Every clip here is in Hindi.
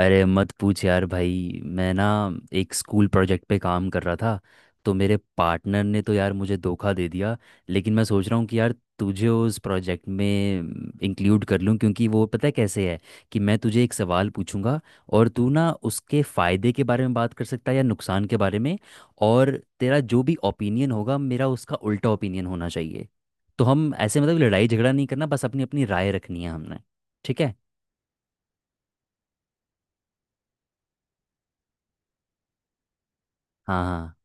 अरे मत पूछ यार भाई, मैं ना एक स्कूल प्रोजेक्ट पे काम कर रहा था। तो मेरे पार्टनर ने तो यार मुझे धोखा दे दिया। लेकिन मैं सोच रहा हूँ कि यार तुझे उस प्रोजेक्ट में इंक्लूड कर लूँ, क्योंकि वो पता है कैसे है कि मैं तुझे एक सवाल पूछूंगा और तू ना उसके फ़ायदे के बारे में बात कर सकता है या नुकसान के बारे में। और तेरा जो भी ओपिनियन होगा, मेरा उसका उल्टा ओपिनियन होना चाहिए। तो हम ऐसे मतलब लड़ाई झगड़ा नहीं करना, बस अपनी अपनी राय रखनी है हमने। ठीक है? हाँ हाँ।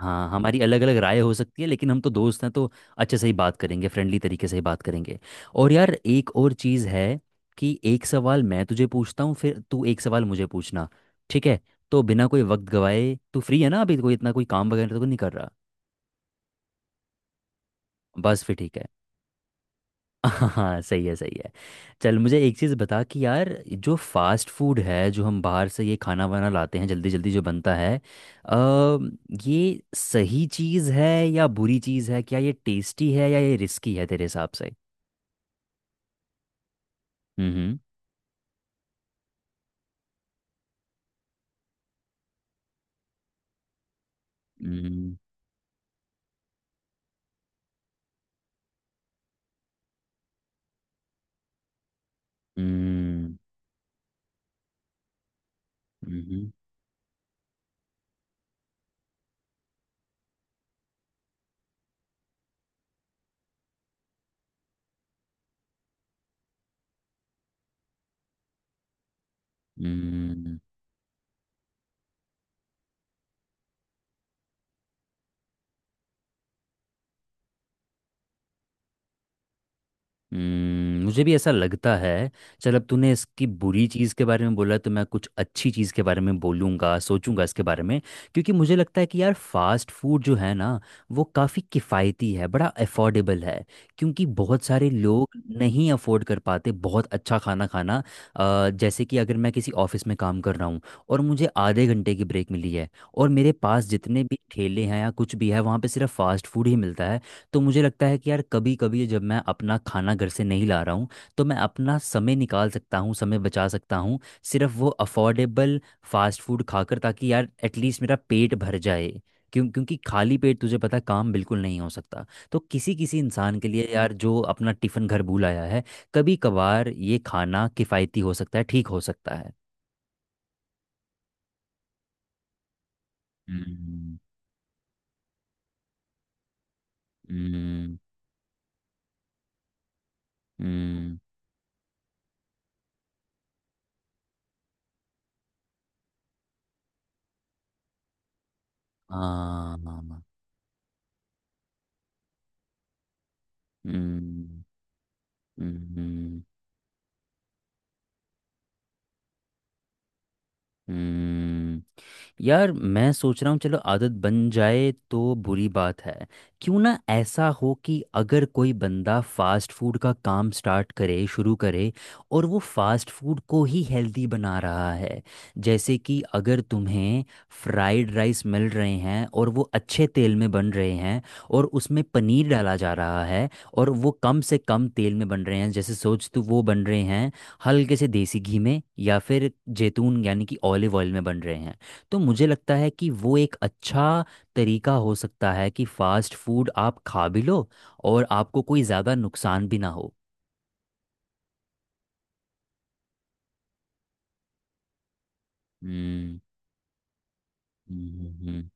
हाँ, हमारी अलग अलग राय हो सकती है लेकिन हम तो दोस्त हैं, तो अच्छे से ही बात करेंगे, फ्रेंडली तरीके से ही बात करेंगे। और यार एक और चीज़ है कि एक सवाल मैं तुझे पूछता हूँ फिर तू एक सवाल मुझे पूछना। ठीक है? तो बिना कोई वक्त गवाए, तू फ्री है ना अभी? कोई इतना कोई काम वगैरह तो नहीं कर रहा? बस फिर ठीक है। हाँ, सही है सही है। चल मुझे एक चीज़ बता कि यार जो फास्ट फूड है, जो हम बाहर से ये खाना वाना लाते हैं, जल्दी जल्दी जो बनता है, अ, ये सही चीज़ है या बुरी चीज़ है? क्या ये टेस्टी है या ये रिस्की है तेरे हिसाब से? हम्म। हम्म। हम्म। हम्म। हम्म। हम्म। हम्म। मुझे भी ऐसा लगता है। चल, अब तूने इसकी बुरी चीज़ के बारे में बोला तो मैं कुछ अच्छी चीज़ के बारे में बोलूँगा, सोचूंगा इसके बारे में। क्योंकि मुझे लगता है कि यार फास्ट फूड जो है ना वो काफ़ी किफ़ायती है, बड़ा अफोर्डेबल है। क्योंकि बहुत सारे लोग नहीं अफोर्ड कर पाते बहुत अच्छा खाना खाना। जैसे कि अगर मैं किसी ऑफिस में काम कर रहा हूँ और मुझे आधे घंटे की ब्रेक मिली है, और मेरे पास जितने भी ठेले हैं या कुछ भी है वहाँ पे सिर्फ फास्ट फूड ही मिलता है। तो मुझे लगता है कि यार कभी कभी जब मैं अपना खाना घर से नहीं ला रहा हूँ, तो मैं अपना समय निकाल सकता हूँ, समय बचा सकता हूँ, सिर्फ वो अफोर्डेबल फास्ट फूड खाकर, ताकि यार एटलीस्ट मेरा पेट भर जाए। क्यों? क्योंकि खाली पेट तुझे पता है, काम बिल्कुल नहीं हो सकता। तो किसी किसी इंसान के लिए यार जो अपना टिफ़िन घर भूल आया है, कभी कभार ये खाना किफ़ायती हो सकता है, ठीक हो सकता है। हम्म। हम्म। हम्म। हाँ। हम्म। हम्म। हम्म। यार मैं सोच रहा हूँ, चलो आदत बन जाए तो बुरी बात है, क्यों ना ऐसा हो कि अगर कोई बंदा फास्ट फूड का काम स्टार्ट करे, शुरू करे और वो फास्ट फूड को ही हेल्दी बना रहा है। जैसे कि अगर तुम्हें फ्राइड राइस मिल रहे हैं और वो अच्छे तेल में बन रहे हैं और उसमें पनीर डाला जा रहा है और वो कम से कम तेल में बन रहे हैं, जैसे सोच तू, वो बन रहे हैं हल्के से देसी घी में, या फिर जैतून यानी कि ऑलिव ऑयल में बन रहे हैं। तो मुझे लगता है कि वो एक अच्छा तरीका हो सकता है कि फास्ट फूड आप खा भी लो और आपको कोई ज़्यादा नुकसान भी ना हो। हम्म। हम्म। हम्म।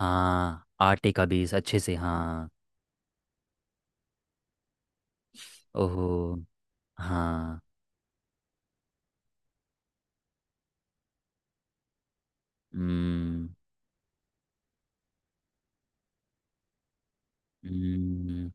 हाँ, आटे का बेस, अच्छे से। हाँ। ओहो। हाँ। हम्म। हम्म।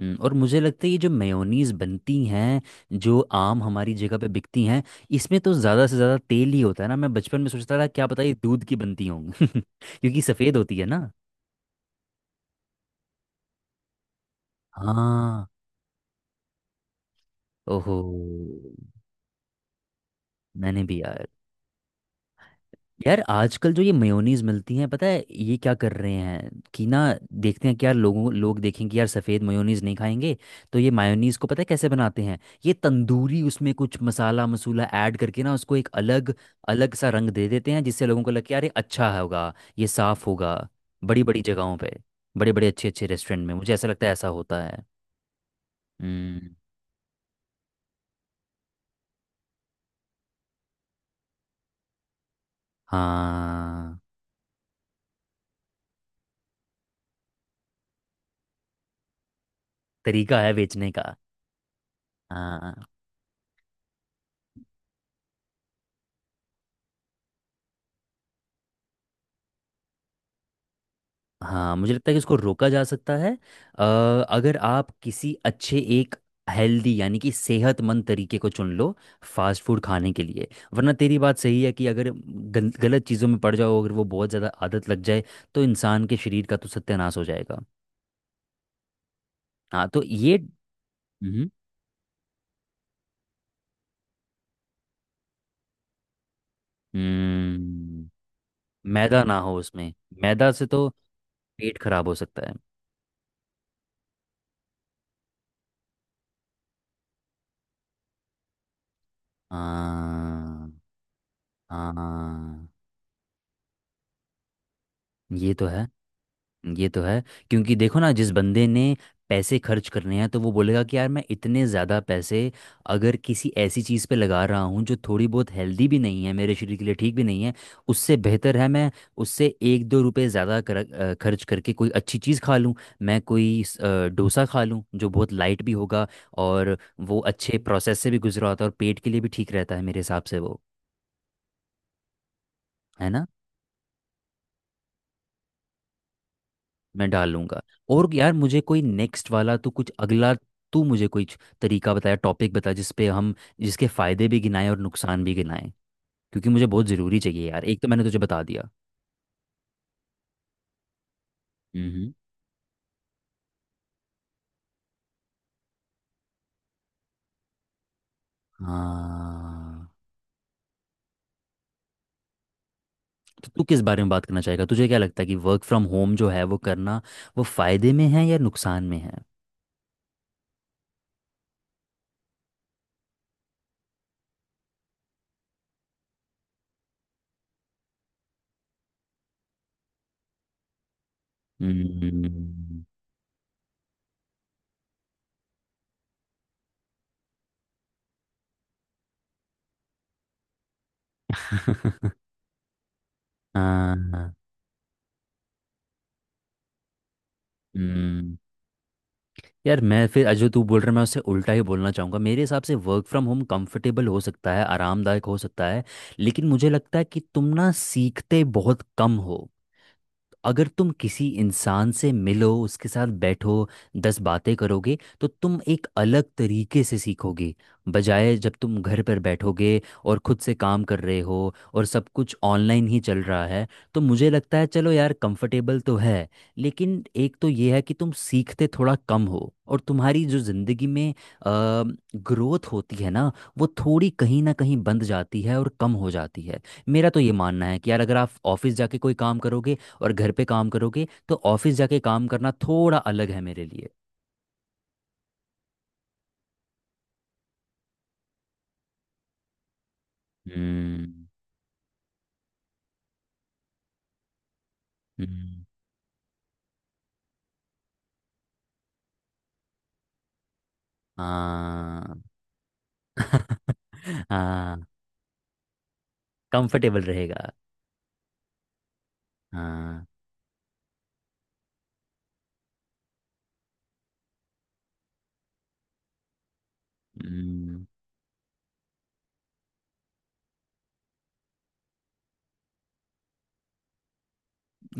हम्म। और मुझे लगता है ये जो मेयोनीज बनती हैं, जो आम हमारी जगह पे बिकती हैं, इसमें तो ज़्यादा से ज़्यादा तेल ही होता है ना। मैं बचपन में सोचता था क्या पता ये दूध की बनती होंगी क्योंकि सफ़ेद होती है ना। हाँ। ओहो। मैंने भी यार। यार आजकल जो ये मेयोनीज मिलती हैं, पता है ये क्या कर रहे हैं कि ना, देखते हैं कि यार लोग देखेंगे यार सफ़ेद मेयोनीज नहीं खाएंगे, तो ये मायोनीज को पता है कैसे बनाते हैं। ये तंदूरी उसमें कुछ मसाला मसूला ऐड करके ना उसको एक अलग अलग सा रंग दे देते हैं, जिससे लोगों को लगे यार ये अच्छा होगा, ये साफ होगा। बड़ी बड़ी जगहों पे, बड़े बड़े अच्छे अच्छे रेस्टोरेंट में, मुझे ऐसा लगता है ऐसा होता है। हम्म। हाँ, तरीका है बेचने का। हाँ। हाँ, मुझे लगता है कि इसको रोका जा सकता है। अ, अगर आप किसी अच्छे एक हेल्दी यानी कि सेहतमंद तरीके को चुन लो फास्ट फूड खाने के लिए। वरना तेरी बात सही है कि अगर गलत चीज़ों में पड़ जाओ, अगर वो बहुत ज़्यादा आदत लग जाए, तो इंसान के शरीर का तो सत्यानाश हो जाएगा। हाँ तो ये। हम्म। हम्म। मैदा ना हो उसमें, मैदा से तो पेट खराब हो सकता है। हाँ। हाँ। ये तो है। ये तो है। क्योंकि देखो ना, जिस बंदे ने पैसे खर्च करने हैं, तो वो बोलेगा कि यार मैं इतने ज़्यादा पैसे अगर किसी ऐसी चीज़ पे लगा रहा हूँ जो थोड़ी बहुत हेल्दी भी नहीं है, मेरे शरीर के लिए ठीक भी नहीं है, उससे बेहतर है मैं उससे एक दो रुपए ज़्यादा खर्च करके कोई अच्छी चीज़ खा लूँ। मैं कोई डोसा खा लूँ, जो बहुत लाइट भी होगा और वो अच्छे प्रोसेस से भी गुजरा होता है और पेट के लिए भी ठीक रहता है मेरे हिसाब से वो। है ना? मैं डालूंगा। और यार, मुझे कोई नेक्स्ट वाला तो कुछ अगला, तू मुझे कोई तरीका बताया, टॉपिक बता जिस पे हम, जिसके फायदे भी गिनाएं और नुकसान भी गिनाएं, क्योंकि मुझे बहुत ज़रूरी चाहिए यार, एक तो मैंने तुझे बता दिया। हम्म। हाँ। तो तू किस बारे में बात करना चाहेगा? तुझे क्या लगता है कि वर्क फ्रॉम होम जो है वो करना, वो फायदे में है या नुकसान में है? हम्म। हाँ। हम्म। यार, मैं फिर जो तू बोल रहा है मैं उससे उल्टा ही बोलना चाहूँगा। मेरे हिसाब से वर्क फ्रॉम होम कंफर्टेबल हो सकता है, आरामदायक हो सकता है, लेकिन मुझे लगता है कि तुम ना सीखते बहुत कम हो। अगर तुम किसी इंसान से मिलो, उसके साथ बैठो, 10 बातें करोगे, तो तुम एक अलग तरीके से सीखोगे, बजाय जब तुम घर पर बैठोगे और खुद से काम कर रहे हो और सब कुछ ऑनलाइन ही चल रहा है। तो मुझे लगता है चलो यार कंफर्टेबल तो है, लेकिन एक तो ये है कि तुम सीखते थोड़ा कम हो और तुम्हारी जो ज़िंदगी में ग्रोथ होती है ना वो थोड़ी कहीं ना कहीं बंद जाती है और कम हो जाती है। मेरा तो ये मानना है कि यार अगर आप ऑफिस जाके कोई काम करोगे और घर पे काम करोगे, तो ऑफिस जाके काम करना थोड़ा अलग है मेरे लिए। हम्म। हम्म। हाँ। हाँ। कंफर्टेबल रहेगा। हाँ। हम्म।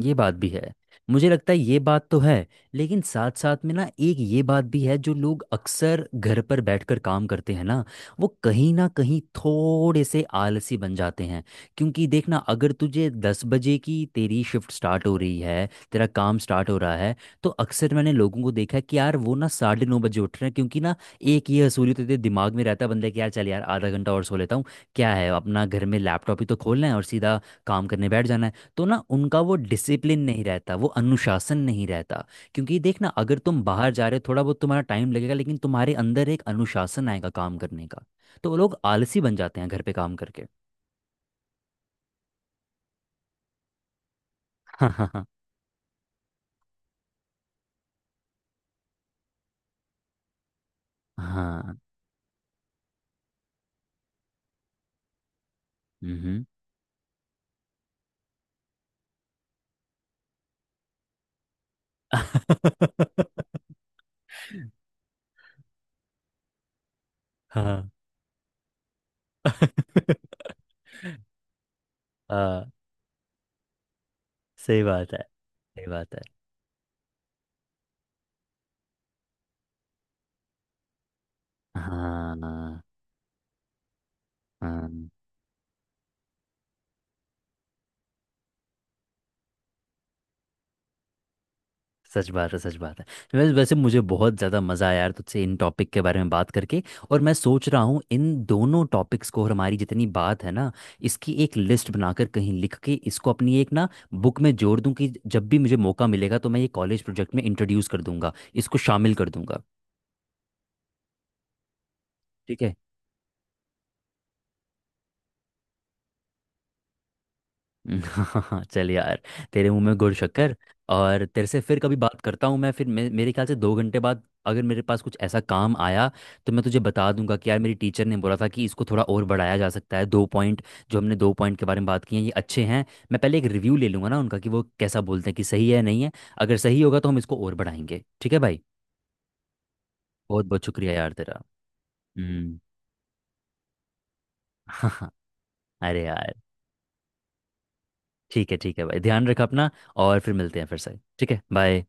ये बात भी है। मुझे लगता है ये बात तो है, लेकिन साथ साथ में ना एक ये बात भी है, जो लोग अक्सर घर पर बैठकर काम करते हैं ना वो कहीं ना कहीं थोड़े से आलसी बन जाते हैं। क्योंकि देखना, अगर तुझे 10 बजे की तेरी शिफ्ट स्टार्ट हो रही है, तेरा काम स्टार्ट हो रहा है, तो अक्सर मैंने लोगों को देखा है कि यार वो ना 9:30 बजे उठ रहे हैं, क्योंकि ना एक ये हसूली तो तेरे दिमाग में रहता है बंदे, कि यार चल यार आधा घंटा और सो लेता हूँ, क्या है अपना घर में लैपटॉप ही तो खोलना है और सीधा काम करने बैठ जाना है। तो ना उनका वो डिसिप्लिन नहीं रहता, वो अनुशासन नहीं रहता। क्योंकि देख ना, अगर तुम बाहर जा रहे हो थोड़ा बहुत तुम्हारा टाइम लगेगा, लेकिन तुम्हारे अंदर एक अनुशासन आएगा काम करने का। तो वो लोग आलसी बन जाते हैं घर पे काम करके। हाँ हाँ। हाँ हाँ। हम्म। हाँ। हाँ, सही बात है सही बात है। हाँ हाँ। सच बात है सच बात है। वैसे वैसे मुझे बहुत ज़्यादा मज़ा आया यार तुझसे इन टॉपिक के बारे में बात करके, और मैं सोच रहा हूँ इन दोनों टॉपिक्स को और हमारी जितनी बात है ना इसकी एक लिस्ट बनाकर कहीं लिख के इसको अपनी एक ना बुक में जोड़ दूँ, कि जब भी मुझे मौका मिलेगा तो मैं ये कॉलेज प्रोजेक्ट में इंट्रोड्यूस कर दूंगा, इसको शामिल कर दूंगा। ठीक है। चल यार, तेरे मुंह में गुड़ शक्कर। और तेरे से फिर कभी बात करता हूँ मैं, फिर मेरे ख्याल से 2 घंटे बाद, अगर मेरे पास कुछ ऐसा काम आया तो मैं तुझे बता दूंगा कि यार मेरी टीचर ने बोला था कि इसको थोड़ा और बढ़ाया जा सकता है, दो पॉइंट। जो हमने दो पॉइंट के बारे में बात की है ये अच्छे हैं। मैं पहले एक रिव्यू ले लूंगा ना उनका कि वो कैसा बोलते हैं कि सही है, नहीं है। अगर सही होगा तो हम इसको और बढ़ाएंगे। ठीक है भाई? बहुत बहुत शुक्रिया यार तेरा। हम्म। अरे यार, ठीक है भाई, ध्यान रखा अपना, और फिर मिलते हैं फिर से। ठीक है, बाय।